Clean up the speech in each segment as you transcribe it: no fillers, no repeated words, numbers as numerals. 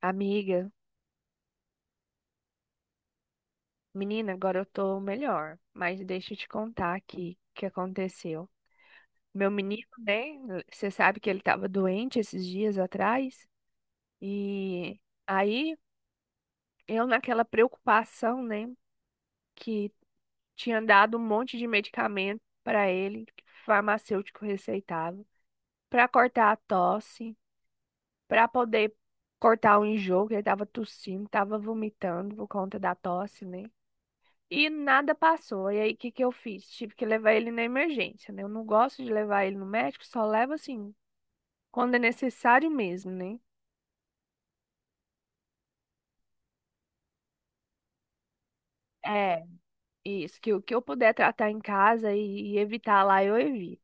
Amiga, menina, agora eu tô melhor, mas deixa eu te contar aqui o que aconteceu. Meu menino, né? Você sabe que ele tava doente esses dias atrás, e aí eu, naquela preocupação, né, que tinha dado um monte de medicamento pra ele, que o farmacêutico receitava, pra cortar a tosse, pra poder cortar o enjoo, que ele tava tossindo, tava vomitando por conta da tosse, né? E nada passou. E aí, o que que eu fiz? Tive que levar ele na emergência, né? Eu não gosto de levar ele no médico, só levo assim, quando é necessário mesmo, né? É, isso, que o que eu puder tratar em casa e evitar lá, eu evito.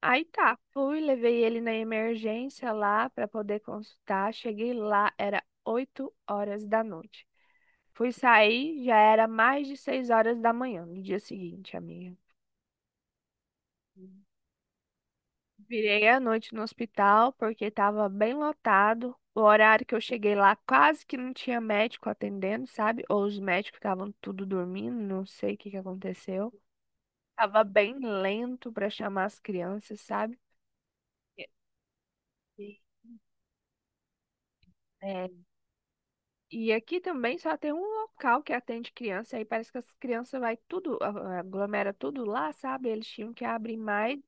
Aí tá, fui, levei ele na emergência lá para poder consultar. Cheguei lá, era 8 horas da noite. Fui sair, já era mais de 6 horas da manhã no dia seguinte, amiga. Virei a noite no hospital porque estava bem lotado. O horário que eu cheguei lá quase que não tinha médico atendendo, sabe? Ou os médicos estavam tudo dormindo, não sei o que que aconteceu. Tava bem lento para chamar as crianças, sabe? E e- é, e aqui também só tem um local que atende criança, aí parece que as crianças vai tudo, aglomera tudo lá, sabe? Eles tinham que abrir mais.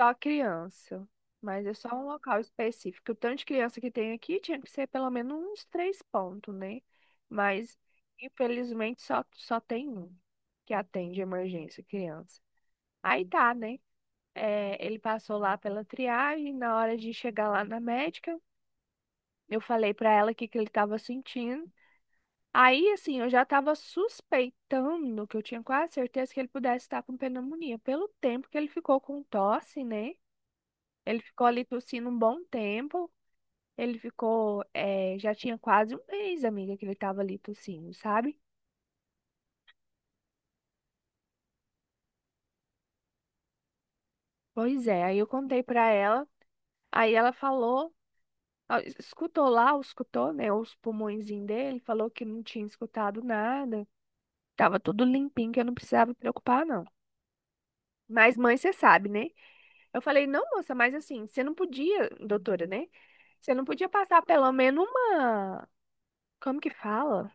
Só criança. Mas é só um local específico. O tanto de criança que tem aqui tinha que ser pelo menos uns três pontos, né? Mas, infelizmente, só tem um que atende emergência criança. Aí tá, né? É, ele passou lá pela triagem. Na hora de chegar lá na médica, eu falei pra ela o que, que ele tava sentindo. Aí, assim, eu já tava suspeitando que eu tinha quase certeza que ele pudesse estar com pneumonia, pelo tempo que ele ficou com tosse, né? Ele ficou ali tossindo um bom tempo. Ele ficou, já tinha quase um mês, amiga, que ele tava ali tossindo, sabe? Pois é, aí eu contei pra ela, aí ela falou, ah, escutou lá, escutou, né, os pulmõezinhos dele, falou que não tinha escutado nada, tava tudo limpinho, que eu não precisava me preocupar, não. Mas mãe, você sabe, né? Eu falei, não, moça, mas assim, você não podia, doutora, né? Você não podia passar pelo menos uma, como que fala?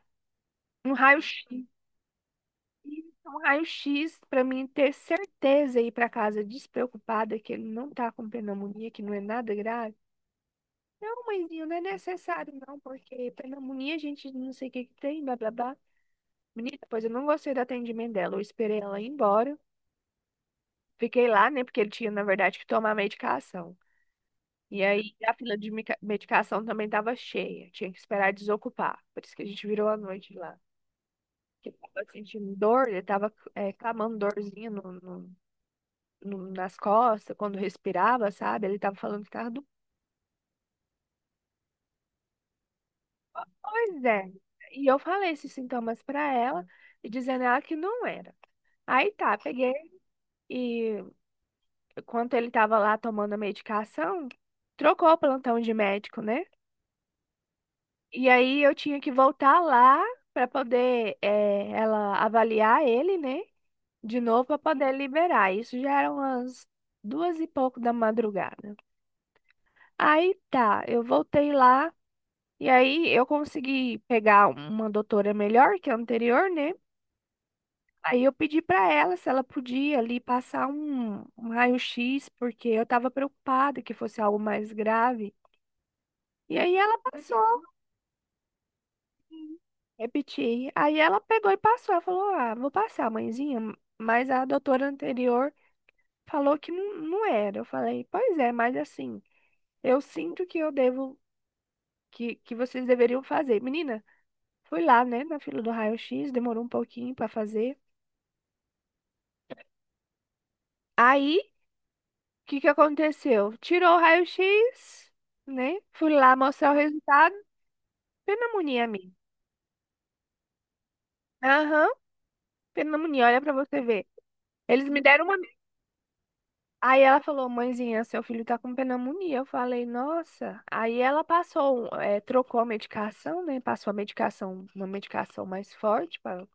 Um raio-x. E um raio-x para mim ter certeza e ir para casa despreocupada que ele não tá com pneumonia, que não é nada grave. Não, mãezinho, não é necessário não, porque pneumonia a gente não sei o que que tem, blá blá blá. Menina, pois eu não gostei do atendimento dela. Eu esperei ela ir embora. Fiquei lá, né, porque ele tinha, na verdade, que tomar medicação. E aí a fila de medicação também tava cheia. Tinha que esperar desocupar. Por isso que a gente virou a noite lá. Que ele tava sentindo dor, ele tava, clamando dorzinha nas costas, quando respirava, sabe? Ele tava falando que tava do. Pois é. E eu falei esses sintomas pra ela e dizendo a ela que não era. Aí tá, peguei e enquanto ele tava lá tomando a medicação, trocou o plantão de médico, né? E aí eu tinha que voltar lá pra poder ela avaliar ele, né? De novo pra poder liberar. Isso já eram umas duas e pouco da madrugada. Aí tá, eu voltei lá. E aí eu consegui pegar uma doutora melhor que é a anterior, né? Aí eu pedi para ela se ela podia ali passar um raio-x, porque eu estava preocupada que fosse algo mais grave. E aí ela passou, repeti. Aí ela pegou e passou. Ela falou: Ah, vou passar, mãezinha. Mas a doutora anterior falou que não, não era. Eu falei: Pois é, mas assim, eu sinto que eu devo, que vocês deveriam fazer. Menina, fui lá, né, na fila do raio-x, demorou um pouquinho para fazer. Aí, o que que aconteceu? Tirou o raio-x, né? Fui lá mostrar o resultado. Pneumonia, amiga. Aham, pneumonia, olha pra você ver. Eles me deram uma. Aí ela falou, mãezinha, seu filho tá com pneumonia. Eu falei, nossa. Aí ela passou, trocou a medicação, né? Passou a medicação, uma medicação mais forte. Para.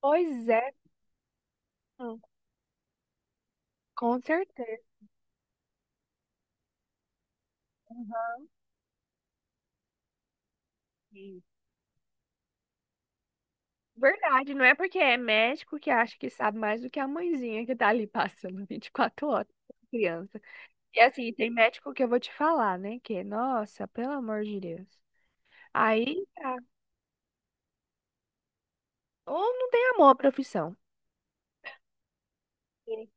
Pois é, hum, com certeza. Sim. Verdade, não é porque é médico que acha que sabe mais do que a mãezinha que tá ali passando 24 horas com a criança. E assim, tem médico que eu vou te falar, né? Que, nossa, pelo amor de Deus. Aí, tá. Ou não tem amor à profissão. Sim.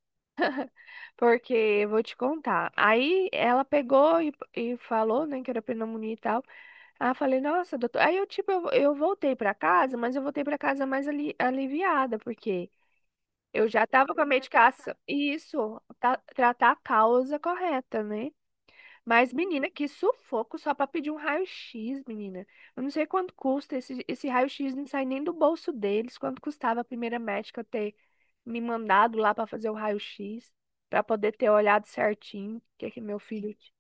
Porque, eu vou te contar. Aí, ela pegou e falou, né, que era pneumonia e tal. Aí, eu falei, nossa, doutor. Aí, eu, tipo, eu voltei pra casa, mas eu voltei pra casa mais ali, aliviada, porque eu já tava com a medicação. E isso, tratar a causa correta, né? Mas, menina, que sufoco só pra pedir um raio-x, menina. Eu não sei quanto custa esse raio-x, não sai nem do bolso deles. Quanto custava a primeira médica ter me mandado lá pra fazer o raio-x, pra poder ter olhado certinho o que é que meu filho.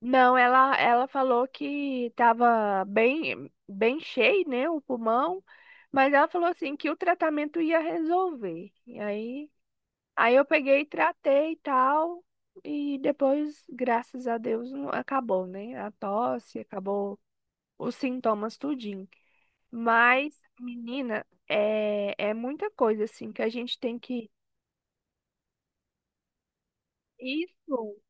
Não, ela falou que tava bem, bem cheio, né, o pulmão, mas ela falou assim que o tratamento ia resolver. E aí aí eu peguei e tratei e tal. E depois, graças a Deus, acabou, né? A tosse, acabou os sintomas tudinho. Mas, menina, é muita coisa, assim, que a gente tem que. Isso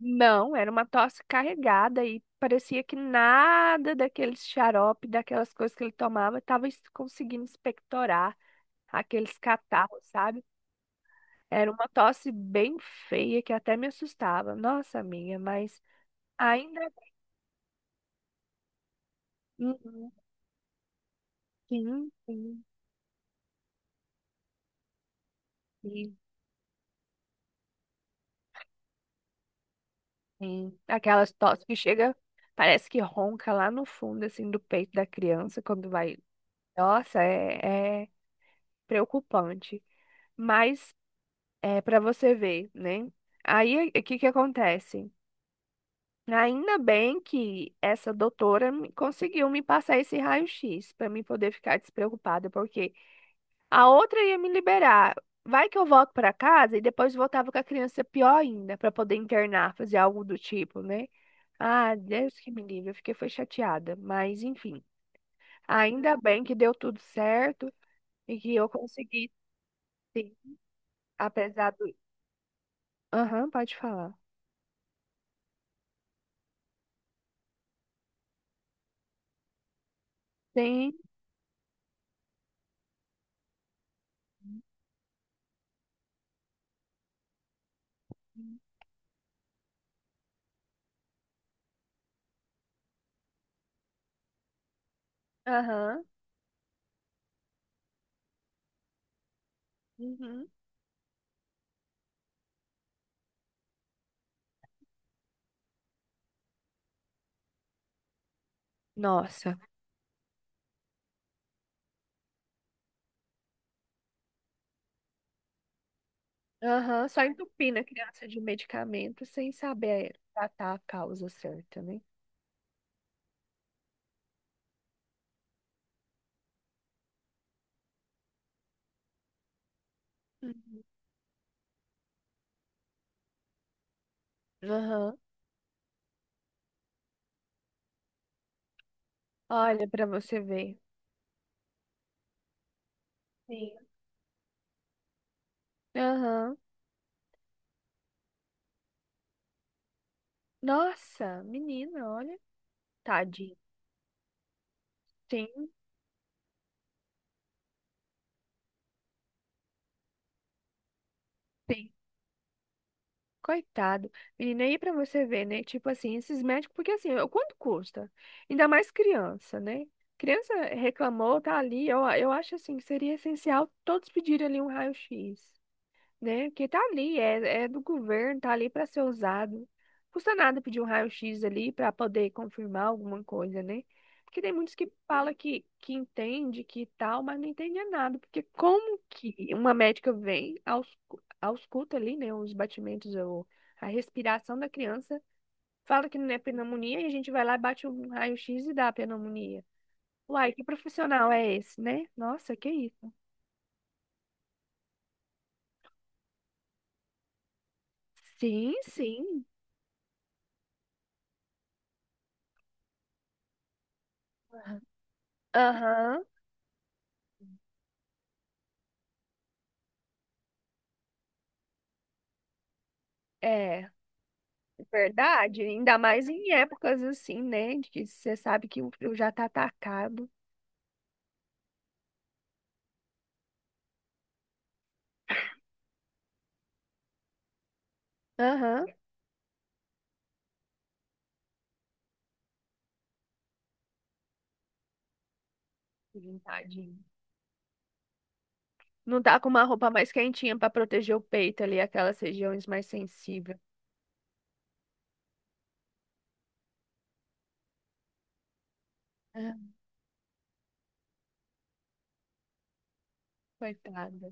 não, era uma tosse carregada e parecia que nada daqueles xarope, daquelas coisas que ele tomava, estava conseguindo expectorar aqueles catarros, sabe? Era uma tosse bem feia que até me assustava. Nossa, amiga, mas. Ainda. Uhum. Sim, sim, sim, sim. Aquelas tosse que chega, parece que ronca lá no fundo, assim, do peito da criança quando vai. Nossa, é preocupante. Mas é para você ver, né? Aí, o que que acontece? Ainda bem que essa doutora conseguiu me passar esse raio-x para mim poder ficar despreocupada, porque a outra ia me liberar. Vai que eu volto pra casa e depois voltava com a criança pior ainda, pra poder internar, fazer algo do tipo, né? Ah, Deus que me livre, eu fiquei foi chateada, mas enfim. Ainda bem que deu tudo certo e que eu consegui, sim, apesar do. Aham, pode falar. Sim. Aham. Uhum. Nossa. Aham, só entupindo a criança de medicamento sem saber tratar a causa certa, né? Uhum. Aham. Olha pra você ver. Sim. Aham. Nossa, menina, olha. Tadinho. Sim, sim. Coitado. Menina, aí pra você ver, né? Tipo assim, esses médicos, porque assim, ó, quanto custa? Ainda mais criança, né? Criança reclamou, tá ali. Eu acho assim que seria essencial todos pedirem ali um raio-x. Né? Que tá ali, é do governo, tá ali para ser usado. Custa nada pedir um raio-x ali para poder confirmar alguma coisa, né? Porque tem muitos que falam que entende, que tal, mas não entende nada. Porque como que uma médica vem, ausculta ali, né, os batimentos ou a respiração da criança, fala que não é pneumonia e a gente vai lá e bate um raio-x e dá a pneumonia. Uai, que profissional é esse, né? Nossa, que isso. Sim, sim. Aham. Aham, é. Verdade, ainda mais em épocas assim, né? De que você sabe que o frio já tá atacado. Aham. Tadinho, tadinho. Não tá com uma roupa mais quentinha pra proteger o peito ali, aquelas regiões mais sensíveis. Ah, coitada.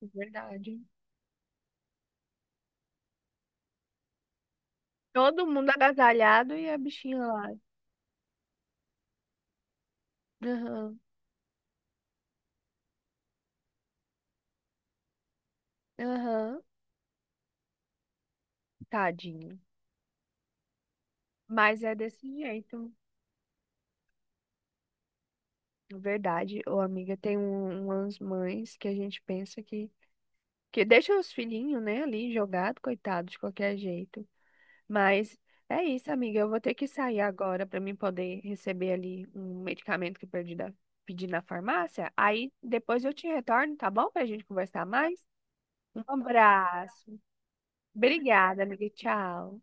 É verdade. Todo mundo agasalhado e a bichinha lá. Aham, aham. Tadinho. Mas é desse jeito. Verdade, ô amiga, tem umas mães que a gente pensa que deixa os filhinhos, né, ali jogado, coitado, de qualquer jeito. Mas é isso, amiga. Eu vou ter que sair agora para mim poder receber ali um medicamento que eu perdi pedi na farmácia. Aí depois eu te retorno, tá bom? Pra gente conversar mais. Um abraço. Obrigada, amiga. Tchau.